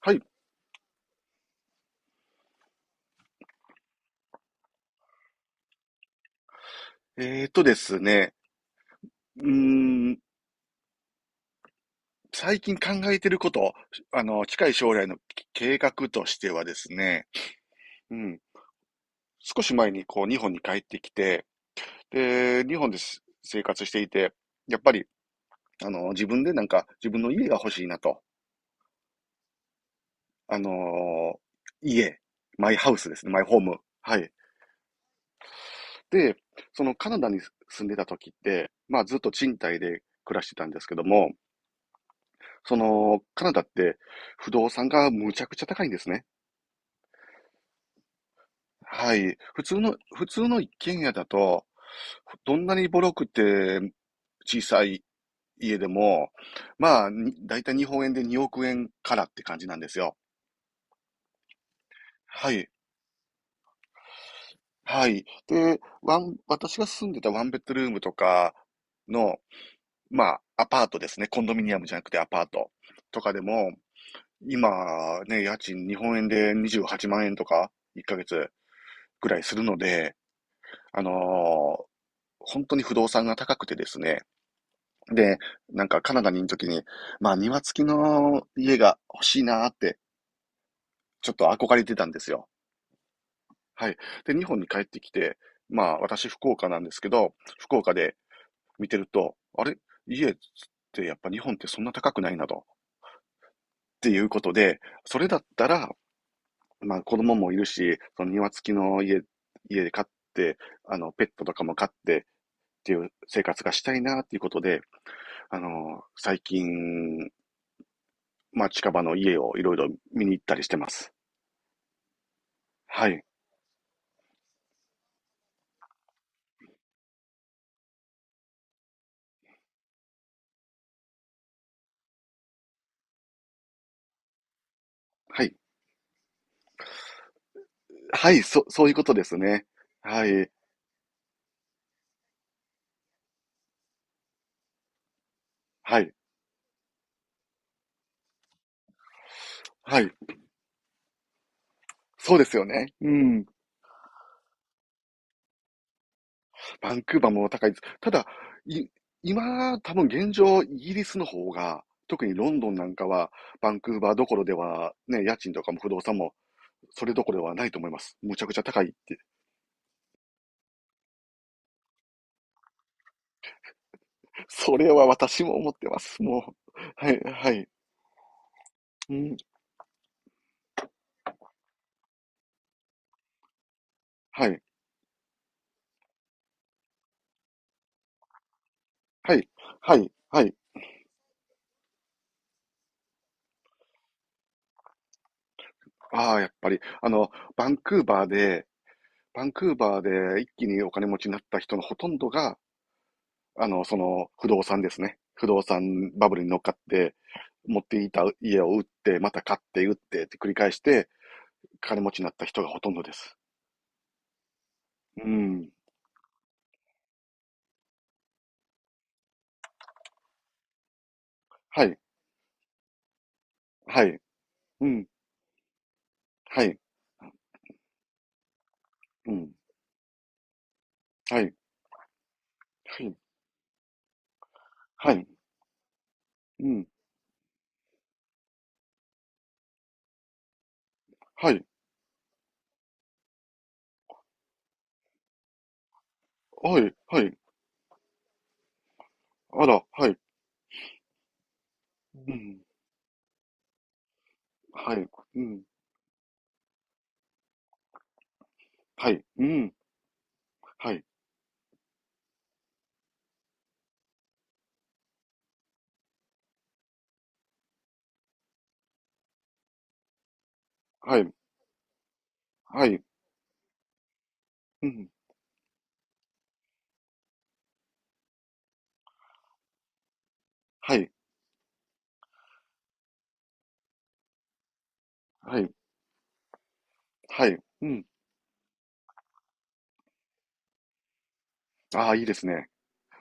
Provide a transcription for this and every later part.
はい。ですね。うーん、最近考えてること、近い将来の計画としてはですね、うん、少し前にこう、日本に帰ってきて、で、日本です生活していて、やっぱり、自分でなんか、自分の家が欲しいなと。あのー家、マイハウスですね、マイホーム。はい。で、そのカナダに住んでた時って、まあずっと賃貸で暮らしてたんですけども、その、カナダって不動産がむちゃくちゃ高いんですね。はい。普通の一軒家だと、どんなにボロくて小さい家でも、だいたい日本円で2億円からって感じなんですよ。はい。はい。で、私が住んでたワンベッドルームとかの、まあ、アパートですね。コンドミニアムじゃなくてアパートとかでも、今ね、家賃日本円で28万円とか1ヶ月ぐらいするので、あのー本当に不動産が高くてですね。で、なんかカナダにいる時に、まあ庭付きの家が欲しいなーって、ちょっと憧れてたんですよ。はい。で、日本に帰ってきて、まあ私福岡なんですけど、福岡で見てると、あれ家ってやっぱ日本ってそんな高くないなと。っていうことで、それだったら、まあ子供もいるし、その庭付きの家、家で飼って、あのペットとかも飼ってっていう生活がしたいなっていうことで、あの、最近、まあ、近場の家をいろいろ見に行ったりしてます。はい。はい。はい、そういうことですね。はい。はい。はい。そうですよね。うん。バンクーバーも高いです。ただ、い、今、多分現状、イギリスの方が、特にロンドンなんかは、バンクーバーどころでは、ね、家賃とかも不動産も、それどころではないと思います。むちゃくちゃ高いって。それは私も思ってます。もう。はい、はい。うん、はい、はい、はい、はい。ああ、やっぱり、あの、バンクーバーで、バンクーバーで一気にお金持ちになった人のほとんどが、その、不動産ですね。不動産バブルに乗っかって、持っていた家を売って、また買って売ってって繰り返して、金持ちになった人がほとんどです。うん。はい。はい。うん。はい。うん。はい。はい。はい。うん。はい。はい。はい。あら、はい。うん。はい。うん。はい。うん。はい。はい。はい。うん。はい。はい。はい。うん。ああ、いいですね。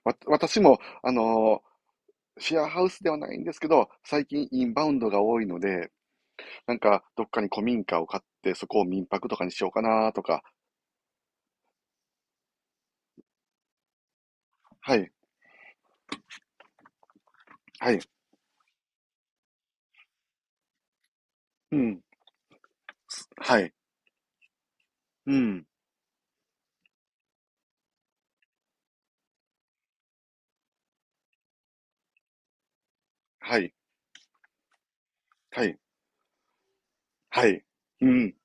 私も、シェアハウスではないんですけど、最近インバウンドが多いので、なんかどっかに古民家を買って、そこを民泊とかにしようかなとか。はい。はい。うん。はい。うん。はい。はい。はい。うん。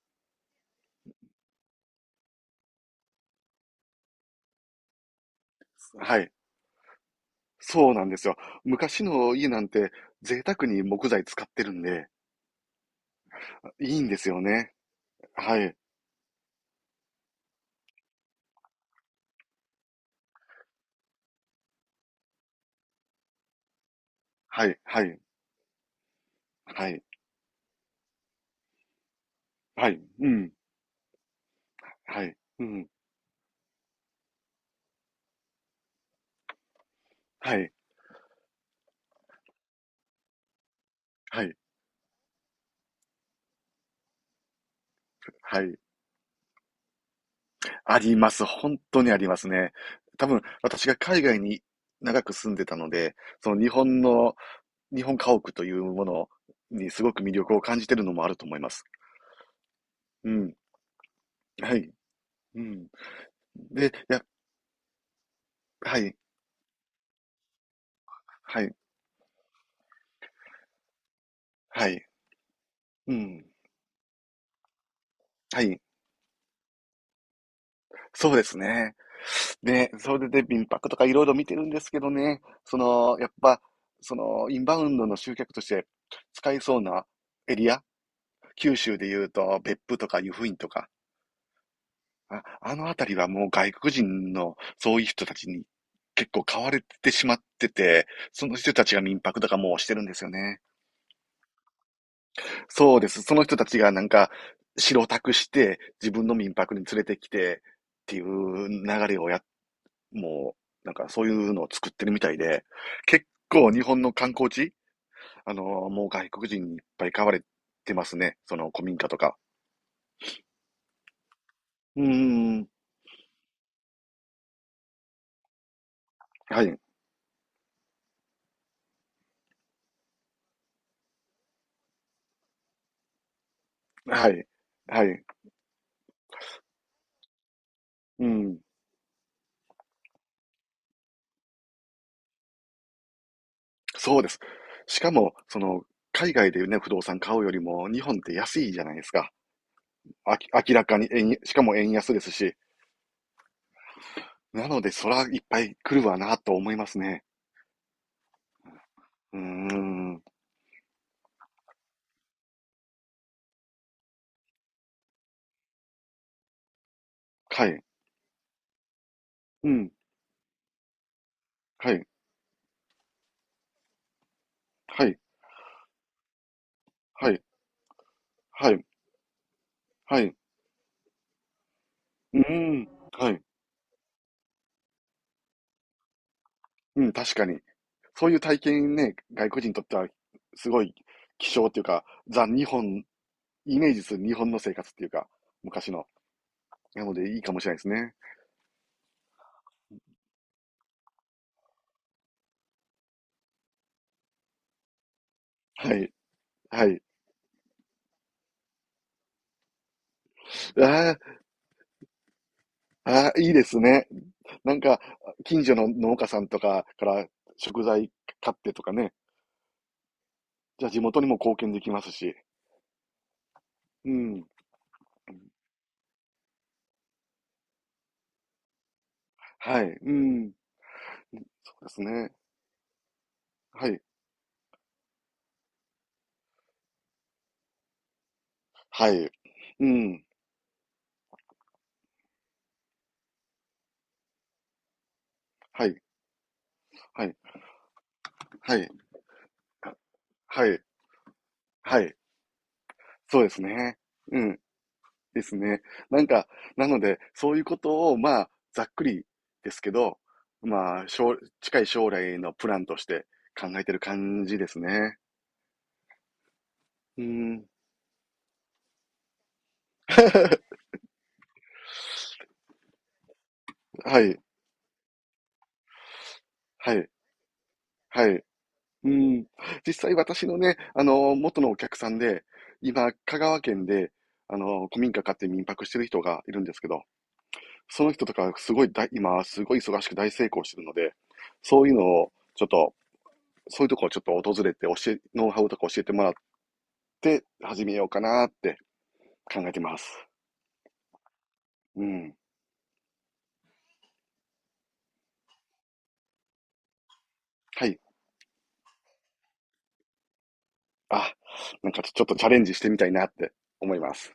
はい。そうなんですよ。昔の家なんて贅沢に木材使ってるんで、いいんですよね。はい。はい。はい。はい。はい。うん。はい。うん。はい。はい。はい。あります。本当にありますね。多分、私が海外に長く住んでたので、その日本の、日本家屋というものにすごく魅力を感じてるのもあると思います。うん。はい。うん。で、や、はい。はい。はい。うん。はい。そうですね。で、それで民泊とかいろいろ見てるんですけどね、その、やっぱ、その、インバウンドの集客として使いそうなエリア、九州で言うと別府とか湯布院とか、あのあたりはもう外国人のそういう人たちに結構買われてしまってて、その人たちが民泊とかもうしてるんですよね。そうです。その人たちがなんか白タクして自分の民泊に連れてきてっていう流れをや、もうなんかそういうのを作ってるみたいで、結構日本の観光地、もう外国人にいっぱい買われてますね。その古民家とか。うーん。はい。はい。はい。うん。そうです。しかも、その、海外でね、不動産買うよりも、日本って安いじゃないですか。明らかにしかも円安ですし。なので、そらいっぱい来るわな、と思いますね。うーん。はい。うん。はい。はい。はい。はい。はい。うーん。はい。うん、確かに。そういう体験ね、外国人にとっては、すごい希少っていうか、ザ・日本、イメージする日本の生活っていうか、昔の。なので、いいかもしれないですね。はい。はい。ああ。ああ、いいですね。なんか、近所の農家さんとかから食材買ってとかね。じゃあ地元にも貢献できますし。うん。はい。うん。そうですね。はい。はい。うん。はい。はい。はい。はい。はい。そうですね。うん。ですね。なんか、なので、そういうことを、まあ、ざっくりですけど、まあ、近い将来のプランとして考えてる感じですね。うん。はい。はい。はい。うん。実際私のね、あの、元のお客さんで、今、香川県で、あの、古民家買って民泊してる人がいるんですけど、その人とかすごい今、すごい忙しく大成功してるので、そういうのを、ちょっと、そういうとこをちょっと訪れてノウハウとか教えてもらって始めようかなって考えてます。うん。はい。あ、なんかちょっとチャレンジしてみたいなって思います。